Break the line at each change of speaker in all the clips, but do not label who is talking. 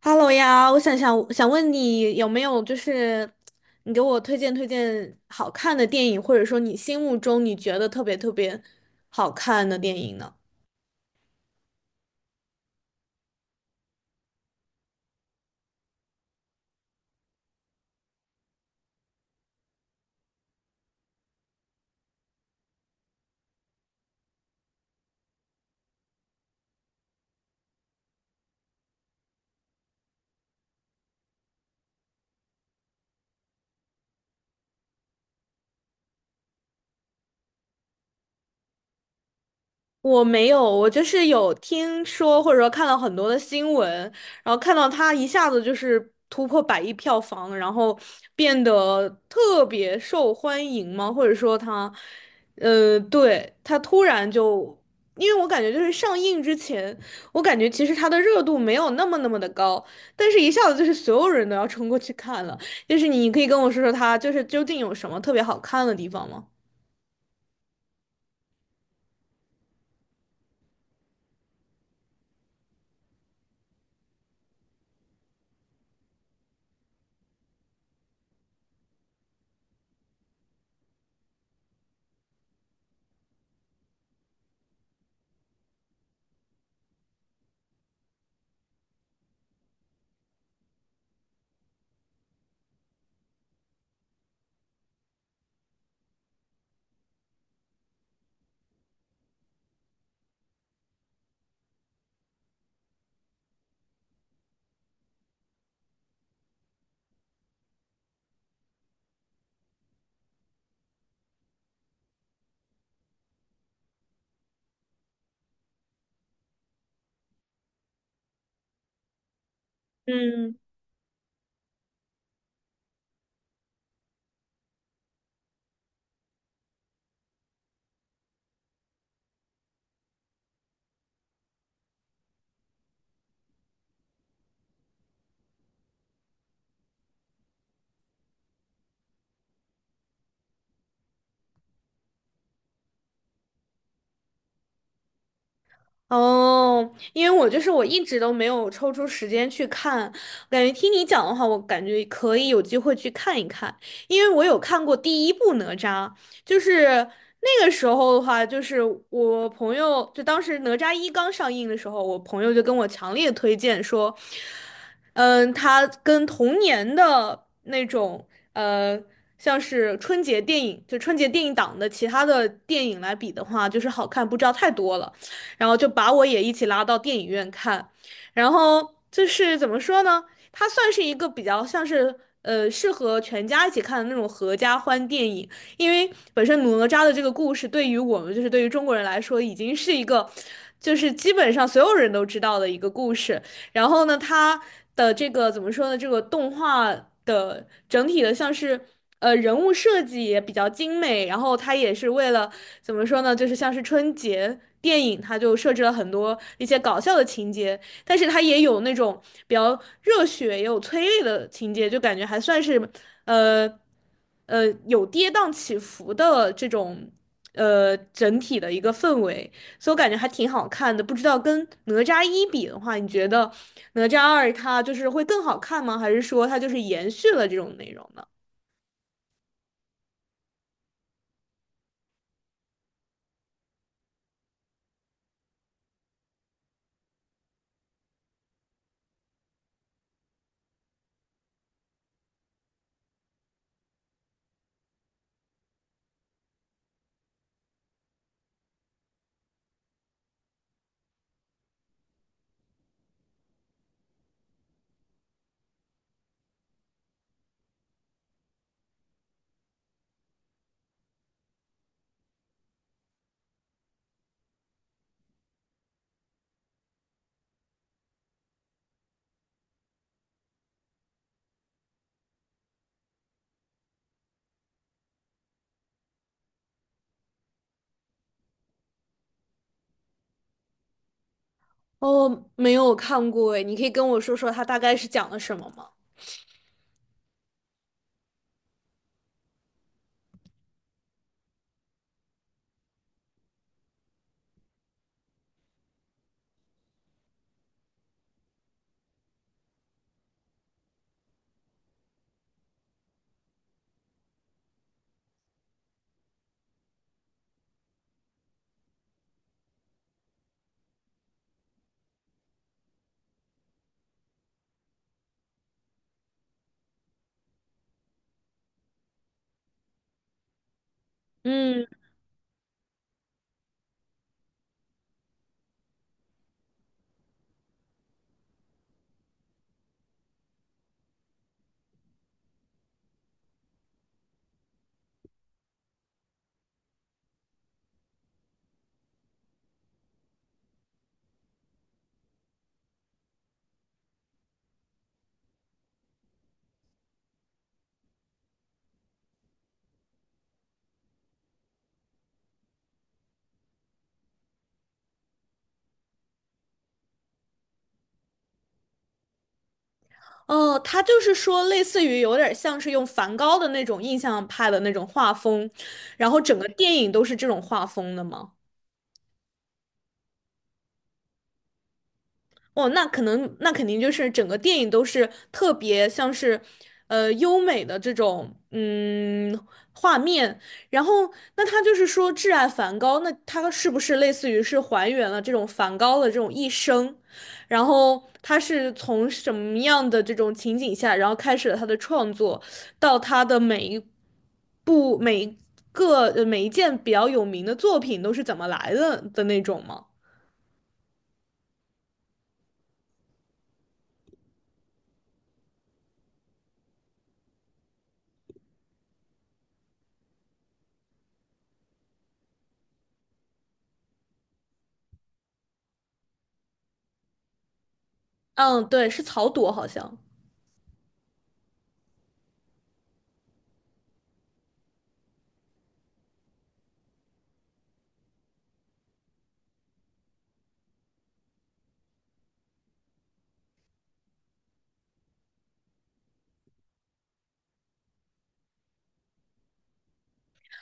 哈喽呀，我想问你有没有就是你给我推荐好看的电影，或者说你心目中你觉得特别特别好看的电影呢？我没有，我就是有听说或者说看到很多的新闻，然后看到它一下子就是突破百亿票房，然后变得特别受欢迎吗？或者说它，对，它突然就，因为我感觉就是上映之前，我感觉其实它的热度没有那么那么的高，但是一下子就是所有人都要冲过去看了。就是你可以跟我说说它就是究竟有什么特别好看的地方吗？嗯。哦，因为我就是我一直都没有抽出时间去看，感觉听你讲的话，我感觉可以有机会去看一看，因为我有看过第一部哪吒，就是那个时候的话，就是我朋友就当时哪吒一刚上映的时候，我朋友就跟我强烈推荐说，嗯，他跟童年的那种呃，像是春节电影，就春节电影档的其他的电影来比的话，就是好看不知道太多了。然后就把我也一起拉到电影院看。然后就是怎么说呢？它算是一个比较像是适合全家一起看的那种合家欢电影，因为本身哪吒的这个故事对于我们就是对于中国人来说已经是一个，就是基本上所有人都知道的一个故事。然后呢，它的这个怎么说呢？这个动画的整体的像是。呃，人物设计也比较精美，然后它也是为了怎么说呢？就是像是春节电影，它就设置了很多一些搞笑的情节，但是它也有那种比较热血，也有催泪的情节，就感觉还算是呃有跌宕起伏的这种整体的一个氛围，所以我感觉还挺好看的。不知道跟哪吒一比的话，你觉得哪吒二它就是会更好看吗？还是说它就是延续了这种内容呢？哦，没有看过诶，你可以跟我说说它大概是讲了什么吗？嗯，哦，他就是说，类似于有点像是用梵高的那种印象派的那种画风，然后整个电影都是这种画风的吗？哦，那可能那肯定就是整个电影都是特别像是，优美的这种嗯画面。然后，那他就是说挚爱梵高，那他是不是类似于是还原了这种梵高的这种一生？然后他是从什么样的这种情景下，然后开始了他的创作，到他的每一个每一件比较有名的作品都是怎么来的的那种吗？嗯，对，是草垛好像。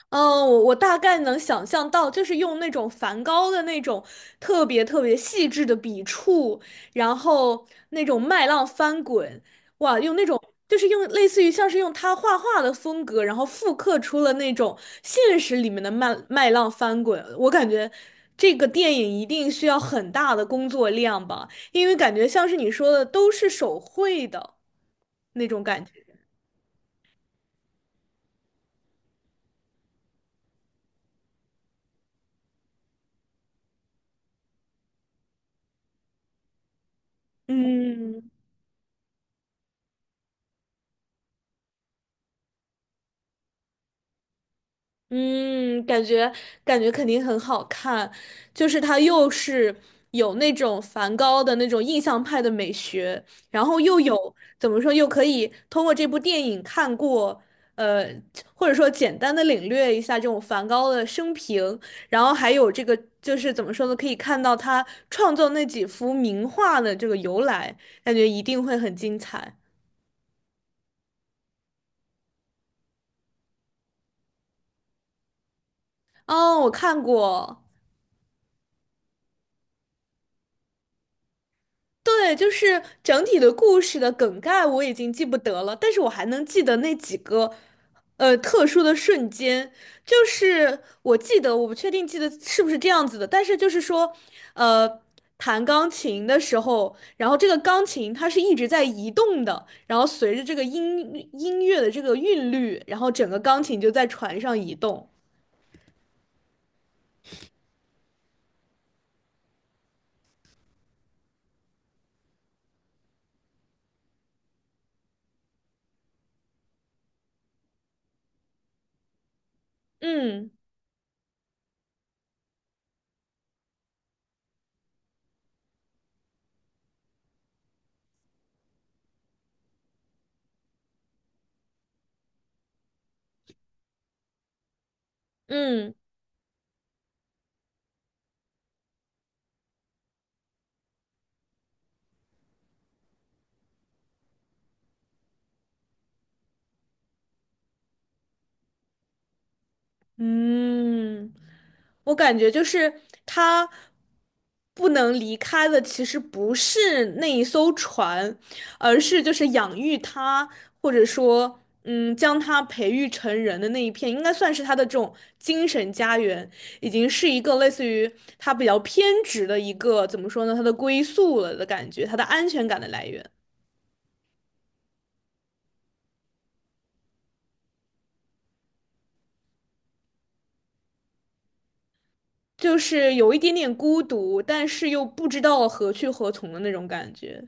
嗯，我大概能想象到，就是用那种梵高的那种特别特别细致的笔触，然后那种麦浪翻滚，哇，用那种就是用类似于像是用他画画的风格，然后复刻出了那种现实里面的麦浪翻滚。我感觉这个电影一定需要很大的工作量吧，因为感觉像是你说的都是手绘的那种感觉。嗯。嗯，感觉肯定很好看，就是它又是有那种梵高的那种印象派的美学，然后又有怎么说，又可以通过这部电影看过，呃，或者说简单的领略一下这种梵高的生平，然后还有这个就是怎么说呢，可以看到他创作那几幅名画的这个由来，感觉一定会很精彩。哦，我看过。对，就是整体的故事的梗概我已经记不得了，但是我还能记得那几个，特殊的瞬间。就是我记得，我不确定记得是不是这样子的，但是就是说，呃，弹钢琴的时候，然后这个钢琴它是一直在移动的，然后随着这个音乐的这个韵律，然后整个钢琴就在船上移动。嗯嗯。嗯，我感觉就是他不能离开的，其实不是那一艘船，而是就是养育他，或者说，嗯，将他培育成人的那一片，应该算是他的这种精神家园，已经是一个类似于他比较偏执的一个，怎么说呢，他的归宿了的感觉，他的安全感的来源，就是有一点点孤独，但是又不知道何去何从的那种感觉。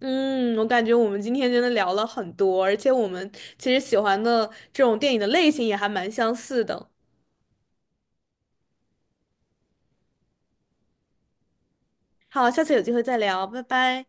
嗯，我感觉我们今天真的聊了很多，而且我们其实喜欢的这种电影的类型也还蛮相似的。好，下次有机会再聊，拜拜。